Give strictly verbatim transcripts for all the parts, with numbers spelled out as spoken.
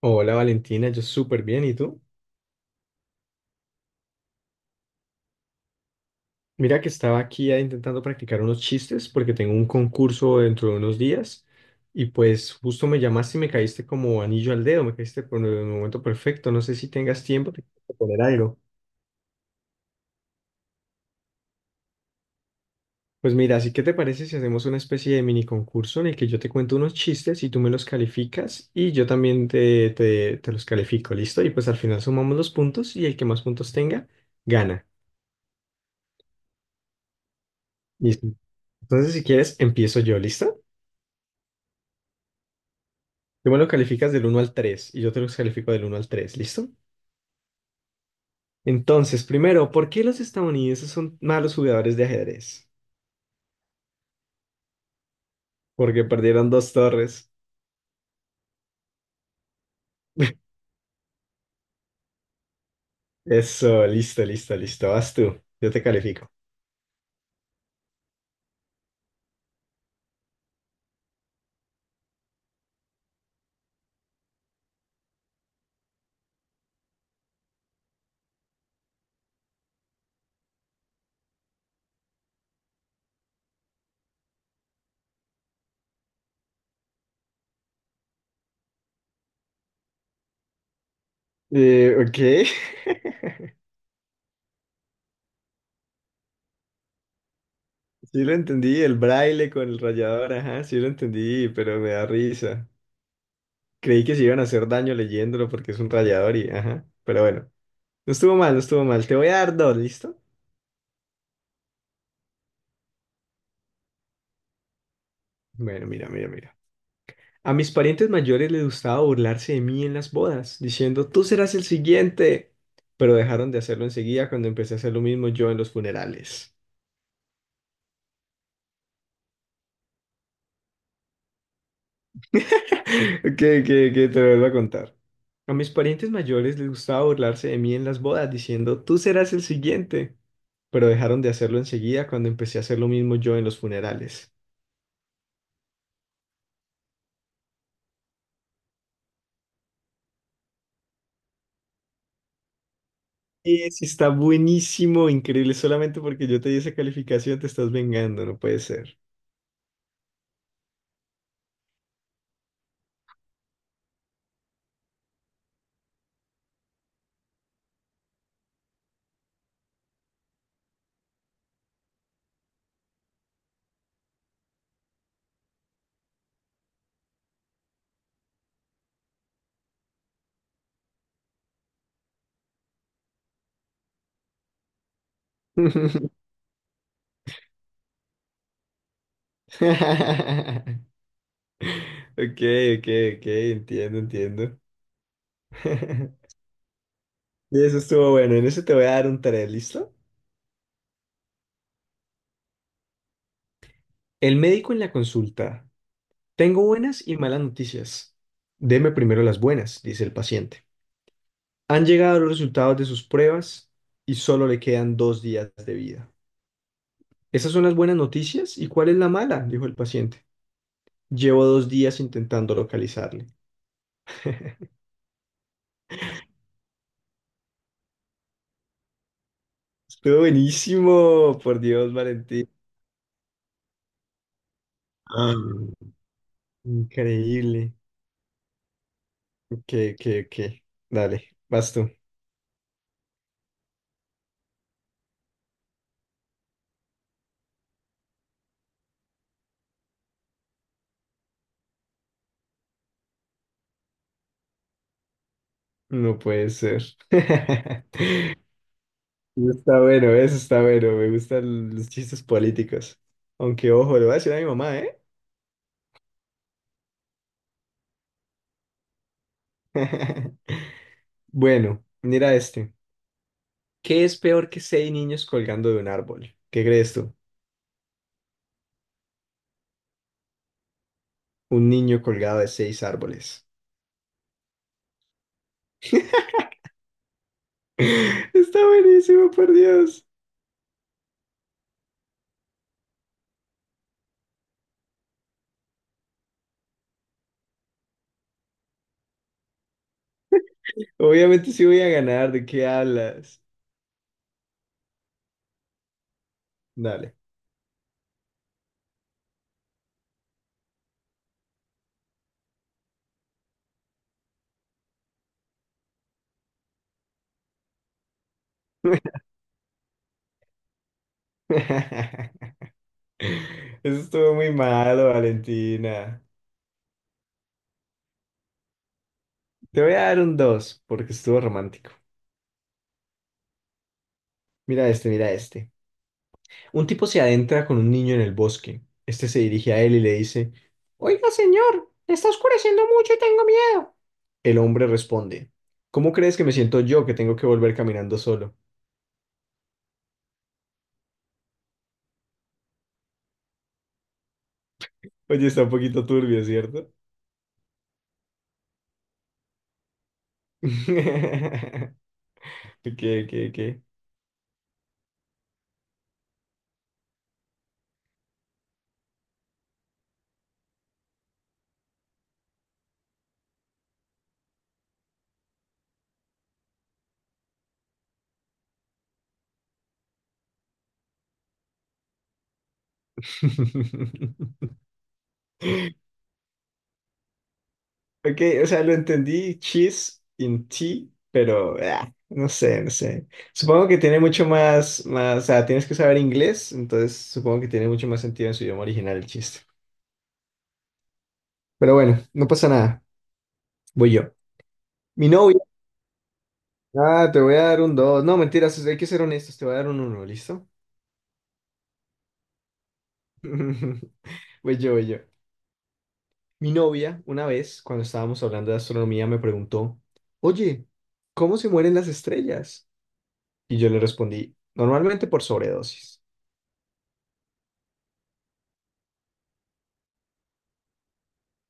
Hola Valentina, yo súper bien, ¿y tú? Mira que estaba aquí eh, intentando practicar unos chistes porque tengo un concurso dentro de unos días y pues justo me llamaste y me caíste como anillo al dedo, me caíste por el momento perfecto, no sé si tengas tiempo de poner algo. Pues mira, así que te parece si hacemos una especie de mini concurso en el que yo te cuento unos chistes y tú me los calificas y yo también te, te, te los califico, ¿listo? Y pues al final sumamos los puntos y el que más puntos tenga, gana. Listo. Entonces si quieres, empiezo yo, ¿listo? Tú me lo calificas del uno al tres y yo te lo califico del uno al tres, ¿listo? Entonces, primero, ¿por qué los estadounidenses son malos jugadores de ajedrez? Porque perdieron dos torres. Eso, listo, listo, listo. Vas tú, yo te califico. Eh, ok, sí lo entendí, el braille con el rayador, ajá, sí lo entendí, pero me da risa. Creí que se iban a hacer daño leyéndolo porque es un rayador y, ajá, pero bueno, no estuvo mal, no estuvo mal. Te voy a dar dos, ¿listo? Bueno, mira, mira, mira. A mis parientes mayores les gustaba burlarse de mí en las bodas, diciendo, tú serás el siguiente. Pero dejaron de hacerlo enseguida cuando empecé a hacer lo mismo yo en los funerales. Que, que, que te lo vuelvo a contar. A mis parientes mayores les gustaba burlarse de mí en las bodas, diciendo, tú serás el siguiente. Pero dejaron de hacerlo enseguida cuando empecé a hacer lo mismo yo en los funerales. Es, está buenísimo, increíble. Solamente porque yo te di esa calificación te estás vengando, no puede ser. Ok, ok, ok, entiendo, entiendo. Y eso estuvo bueno. En eso te voy a dar un tarea, ¿listo? El médico en la consulta. Tengo buenas y malas noticias. Deme primero las buenas, dice el paciente. Han llegado los resultados de sus pruebas y solo le quedan dos días de vida. Esas son las buenas noticias. ¿Y cuál es la mala? Dijo el paciente. Llevo dos días intentando localizarle. Estuvo buenísimo, por Dios, Valentín. Ah, increíble. que, que, que. Dale, vas tú. No puede ser. Eso está bueno, eso está bueno. Me gustan los chistes políticos. Aunque, ojo, le voy a decir a mi mamá, ¿eh? Bueno, mira este. ¿Qué es peor que seis niños colgando de un árbol? ¿Qué crees tú? Un niño colgado de seis árboles. Está buenísimo, por Dios. Obviamente sí voy a ganar. ¿De qué hablas? Dale. Eso estuvo muy malo, Valentina. Te voy a dar un dos porque estuvo romántico. Mira este, mira este. Un tipo se adentra con un niño en el bosque. Este se dirige a él y le dice, oiga, señor, está oscureciendo mucho y tengo miedo. El hombre responde, ¿cómo crees que me siento yo que tengo que volver caminando solo? Oye, está un poquito turbio, ¿cierto? ¿Qué, qué, qué? Ok, o sea, lo entendí cheese in tea, pero ah, no sé, no sé. Supongo que tiene mucho más, más, o sea, tienes que saber inglés, entonces supongo que tiene mucho más sentido en su idioma original el chiste. Pero bueno, no pasa nada, voy yo. Mi novia, ah, te voy a dar un dos. No, mentiras, hay que ser honestos, te voy a dar un uno. ¿Listo? Voy yo, voy yo. Mi novia, una vez, cuando estábamos hablando de astronomía, me preguntó, oye, ¿cómo se mueren las estrellas? Y yo le respondí, normalmente por sobredosis.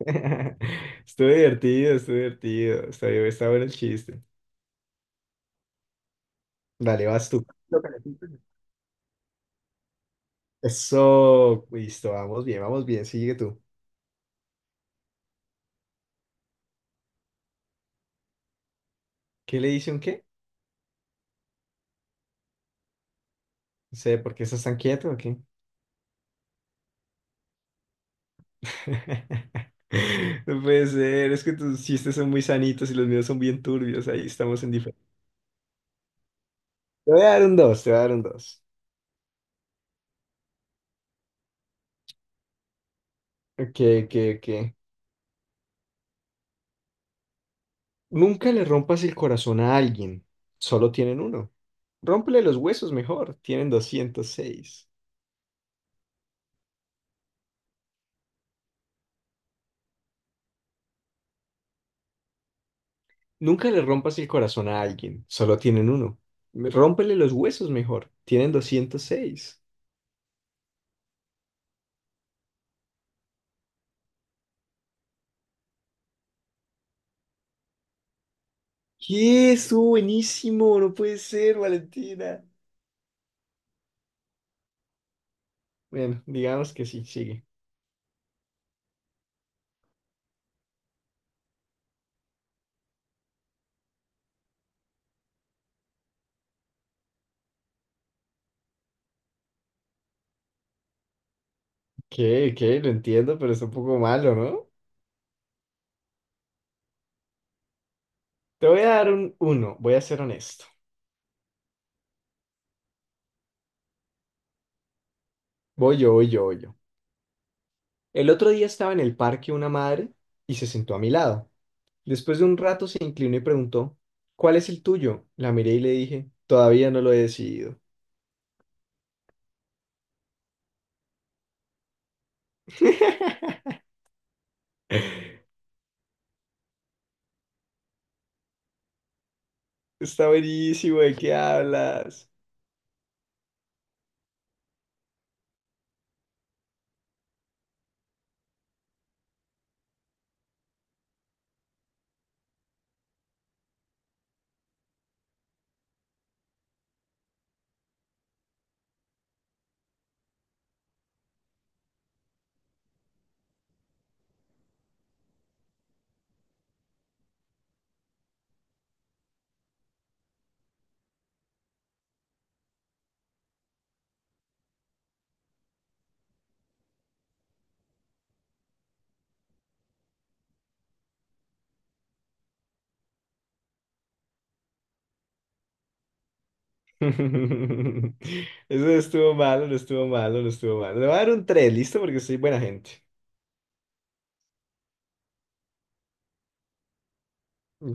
Estuvo divertido, estuvo divertido. Está, está bueno el chiste. Dale, vas tú. Lo que le eso, listo, vamos bien, vamos bien, sigue tú. ¿Qué le dice un qué? No sé, ¿por qué estás tan quieto o qué? No puede ser, es que tus chistes son muy sanitos y los míos son bien turbios, ahí estamos en diferencia. Te voy a dar un dos, te voy a dar un dos. Ok, ok, ok. Nunca le rompas el corazón a alguien, solo tienen uno. Rómpele los huesos mejor, tienen doscientos seis. Nunca le rompas el corazón a alguien, solo tienen uno. Rómpele los huesos mejor, tienen doscientos seis. ¡Qué! Estuvo buenísimo, no puede ser, Valentina. Bueno, digamos que sí, sigue. ¿Qué? ¿Qué? Lo entiendo, pero es un poco malo, ¿no? Te voy a dar un uno, voy a ser honesto. Voy yo, voy yo, voy yo. El otro día estaba en el parque una madre y se sentó a mi lado. Después de un rato se inclinó y preguntó, ¿cuál es el tuyo? La miré y le dije, todavía no lo he decidido. Está buenísimo, ¿de qué hablas? Eso no estuvo malo, no estuvo malo, no estuvo malo. Le voy a dar un tres, listo, porque soy buena gente.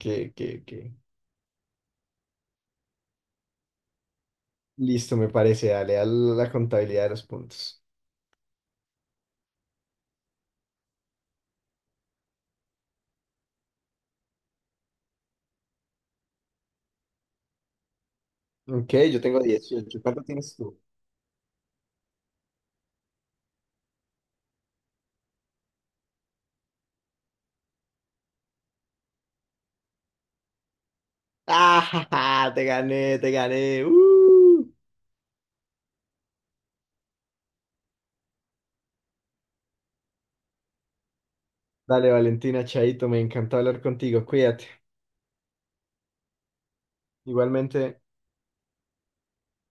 Que, que, que. Listo, me parece, dale, a la contabilidad de los puntos. Ok, yo tengo dieciocho. ¿Cuánto tienes tú? ¡Ah! ja, ja! Te gané, te gané. ¡Uh! Dale, Valentina, Chaito, me encantó hablar contigo. Cuídate. Igualmente.